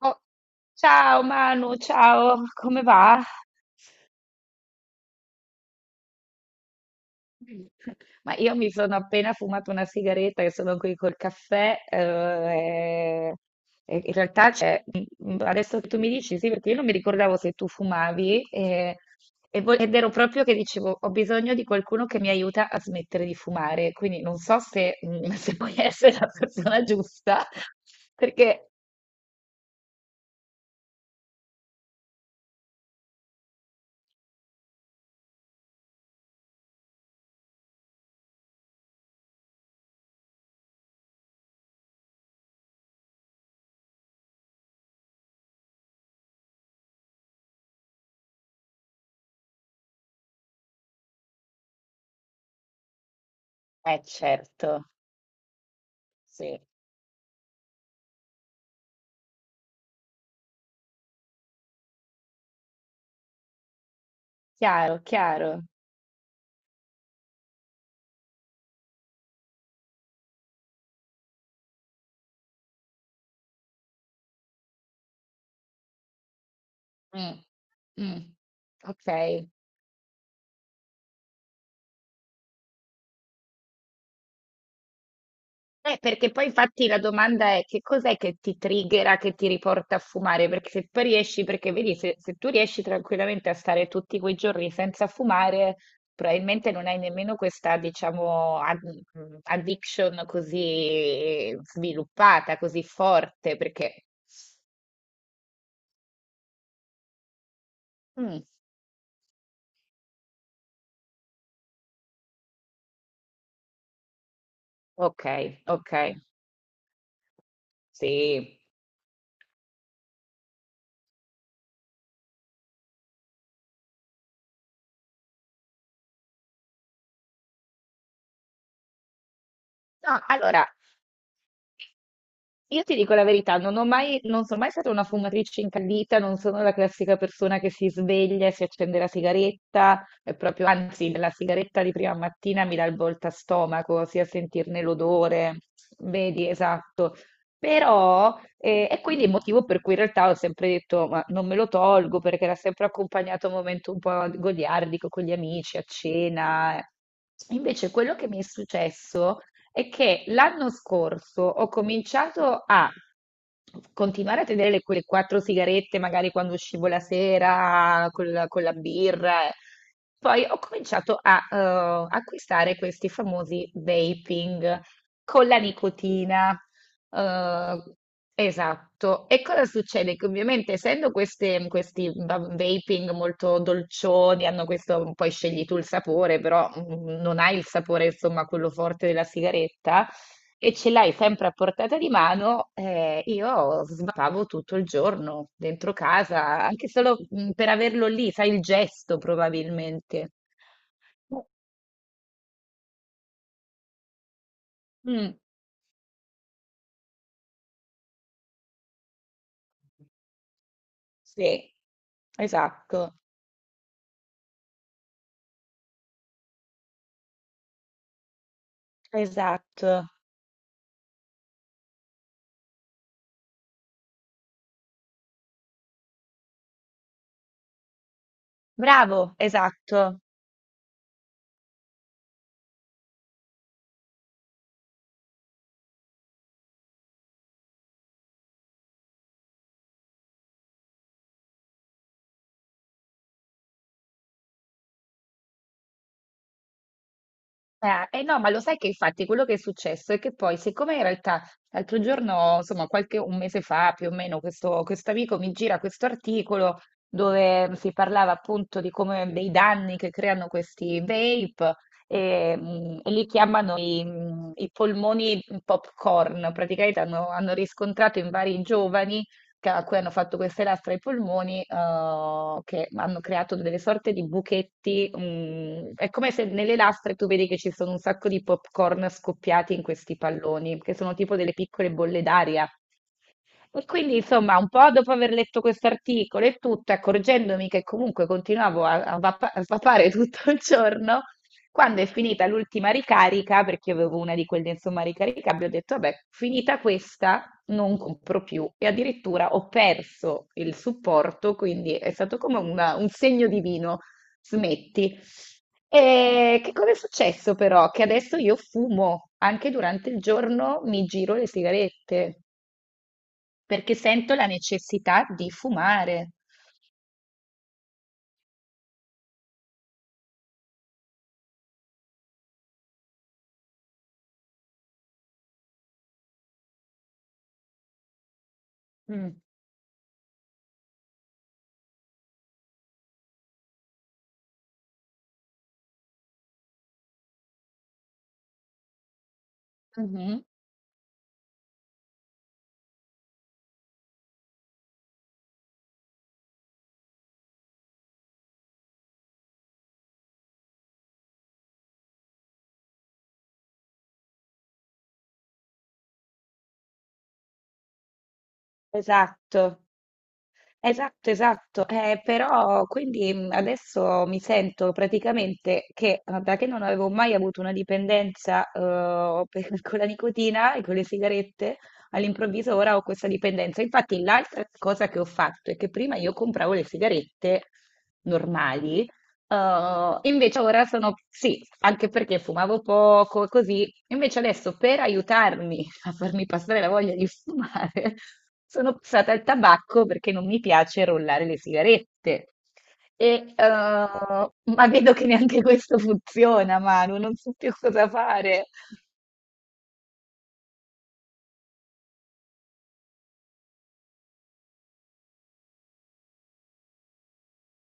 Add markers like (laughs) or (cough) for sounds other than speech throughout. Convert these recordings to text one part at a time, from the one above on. Oh, ciao Manu, ciao, come va? (laughs) Ma io mi sono appena fumato una sigaretta e sono qui col caffè. E e in realtà adesso che tu mi dici sì, perché io non mi ricordavo se tu fumavi e ed ero proprio che dicevo ho bisogno di qualcuno che mi aiuta a smettere di fumare, quindi non so se (laughs) se puoi essere la persona giusta, perché eh certo, sì, chiaro, chiaro. Mm, mm, ok. Perché poi infatti la domanda è che cos'è che ti triggera, che ti riporta a fumare? Perché se poi riesci, perché vedi, se tu riesci tranquillamente a stare tutti quei giorni senza fumare, probabilmente non hai nemmeno questa, diciamo, addiction così sviluppata, così forte, perché... Mm, ok, ok, sì. No, allora, io ti dico la verità, non sono mai stata una fumatrice incallita, non sono la classica persona che si sveglia e si accende la sigaretta, è proprio, anzi, la sigaretta di prima mattina mi dà il volta stomaco, sia sentirne l'odore, vedi, esatto. Però, e quindi il motivo per cui in realtà ho sempre detto, ma non me lo tolgo perché era sempre accompagnato a un momento un po' goliardico con gli amici, a cena. Invece quello che mi è successo è che l'anno scorso ho cominciato a continuare a tenere quelle 4 sigarette, magari quando uscivo la sera con la birra. Eh. Poi ho cominciato a acquistare questi famosi vaping con la nicotina. Eh, esatto. E cosa succede? Che ovviamente essendo questi vaping molto dolcioni, hanno questo, poi scegli tu il sapore, però non hai il sapore, insomma, quello forte della sigaretta, e ce l'hai sempre a portata di mano, io svapavo tutto il giorno dentro casa, anche solo per averlo lì, sai, il gesto probabilmente. Mm, sì, esatto, esatto. Bravo, esatto. Eh no, ma lo sai che infatti quello che è successo è che poi, siccome in realtà l'altro giorno, insomma, qualche un mese fa più o meno, questo amico mi gira questo articolo dove si parlava appunto di come dei danni che creano questi vape e e li chiamano i i polmoni popcorn. Praticamente hanno, hanno riscontrato in vari giovani a cui hanno fatto queste lastre ai polmoni, che hanno creato delle sorte di buchetti. È come se nelle lastre tu vedi che ci sono un sacco di popcorn scoppiati in questi palloni, che sono tipo delle piccole bolle d'aria. E quindi, insomma, un po' dopo aver letto questo articolo e tutto, accorgendomi che comunque continuavo a a svapare (laughs) tutto il giorno, quando è finita l'ultima ricarica, perché io avevo una di quelle, insomma, ricaricabili, ho detto, vabbè, finita questa, non compro più e addirittura ho perso il supporto, quindi è stato come un segno divino, smetti. E che cosa è successo però? Che adesso io fumo, anche durante il giorno mi giro le sigarette, perché sento la necessità di fumare. Mm. Mhm. Esatto. Esatto, esatto, però quindi adesso mi sento praticamente che da che non avevo mai avuto una dipendenza (laughs) con la nicotina e con le sigarette, all'improvviso ora ho questa dipendenza. Infatti l'altra cosa che ho fatto è che prima io compravo le sigarette normali, invece ora sono sì, anche perché fumavo poco e così, invece adesso per aiutarmi a farmi passare la voglia di fumare, (laughs) sono passata al tabacco perché non mi piace rollare le sigarette. E, ma vedo che neanche questo funziona, Manu, non so più cosa fare.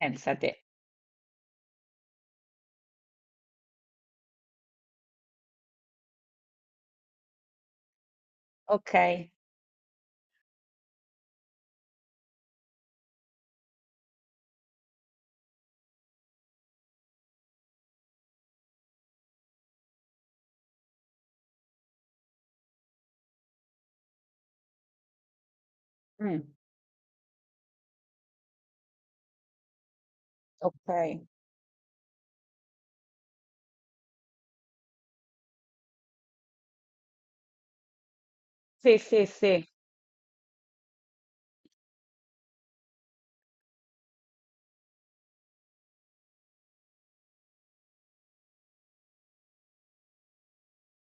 Pensa te. Ok, mm, ok. Sì, sì, sì.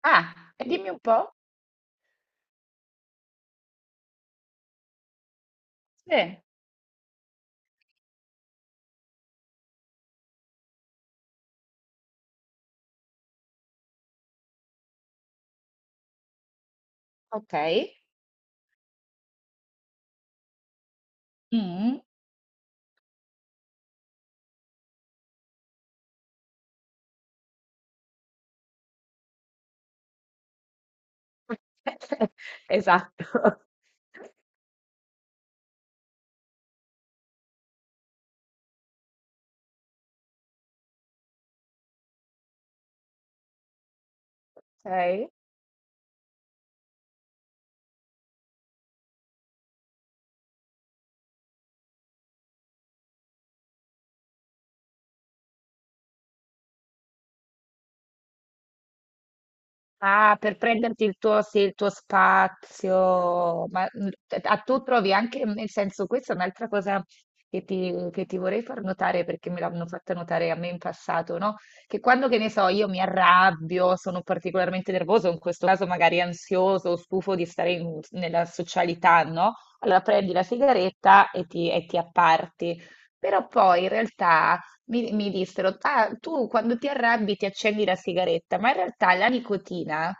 Ah, e dimmi un po'. Sì, ok. Mm. (laughs) Esatto. (laughs) Ok. Ah, per prenderti il tuo, sì, il tuo spazio, ma a tu trovi anche, nel senso, questa è un'altra cosa che ti vorrei far notare perché me l'hanno fatta notare a me in passato, no? Che quando, che ne so, io mi arrabbio, sono particolarmente nervoso, in questo caso magari ansioso, o stufo di stare nella socialità, no? Allora prendi la sigaretta e ti apparti. Però poi in realtà mi, mi dissero, ah, tu quando ti arrabbi ti accendi la sigaretta, ma in realtà la nicotina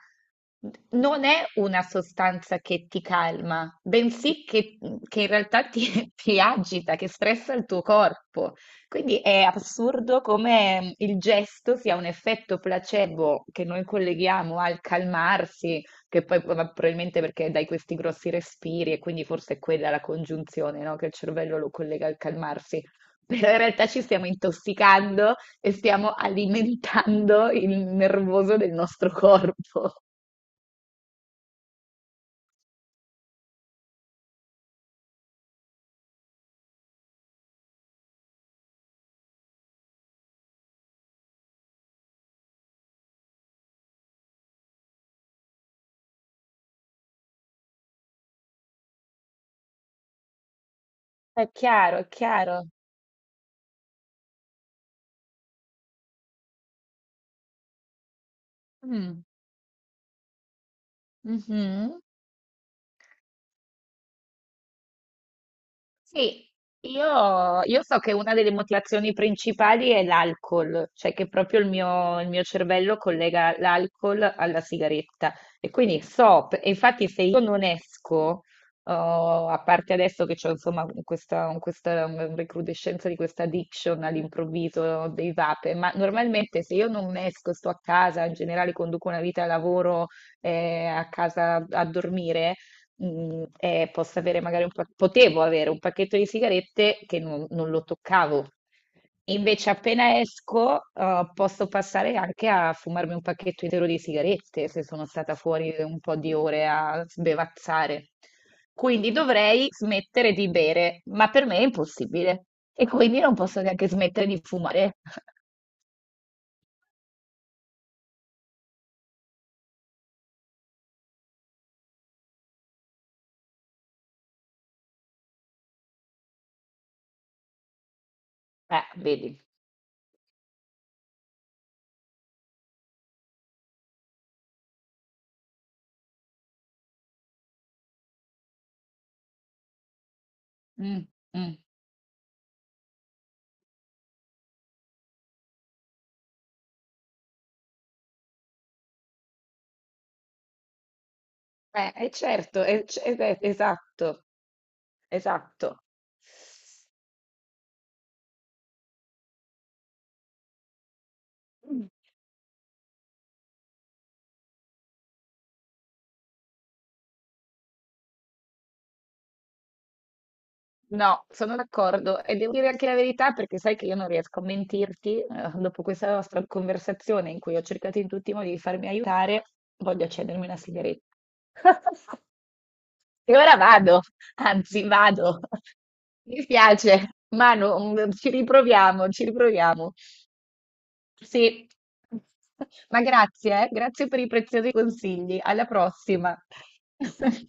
non è una sostanza che ti calma, bensì che in realtà ti, (laughs) ti agita, che stressa il tuo corpo. Quindi è assurdo come il gesto sia un effetto placebo che noi colleghiamo al calmarsi, che poi ma probabilmente perché dai questi grossi respiri e quindi forse è quella la congiunzione, no? Che il cervello lo collega al calmarsi però in realtà ci stiamo intossicando e stiamo alimentando il nervoso del nostro corpo. È chiaro, è chiaro. Mm, mhm. Sì, io so che una delle motivazioni principali è l'alcol, cioè che proprio il mio cervello collega l'alcol alla sigaretta e quindi so, e infatti se io non esco, oh, a parte adesso che c'ho insomma questa recrudescenza di questa addiction all'improvviso dei vape, ma normalmente se io non esco, sto a casa, in generale conduco una vita da lavoro a casa a dormire, posso avere magari un potevo avere un pacchetto di sigarette che non lo toccavo. Invece, appena esco, posso passare anche a fumarmi un pacchetto intero di sigarette se sono stata fuori un po' di ore a sbevazzare. Quindi dovrei smettere di bere, ma per me è impossibile. E quindi non posso neanche smettere di fumare. (laughs) Vedi. Mm, mm. Certo, esatto, esatto. Mm. No, sono d'accordo e devo dire anche la verità perché sai che io non riesco a mentirti, dopo questa nostra conversazione in cui ho cercato in tutti i modi di farmi aiutare, voglio accendermi una sigaretta. (laughs) E ora vado, anzi vado. (laughs) Mi spiace, Manu, ci riproviamo, ci riproviamo. Sì, (laughs) ma grazie, grazie per i preziosi consigli. Alla prossima. (laughs)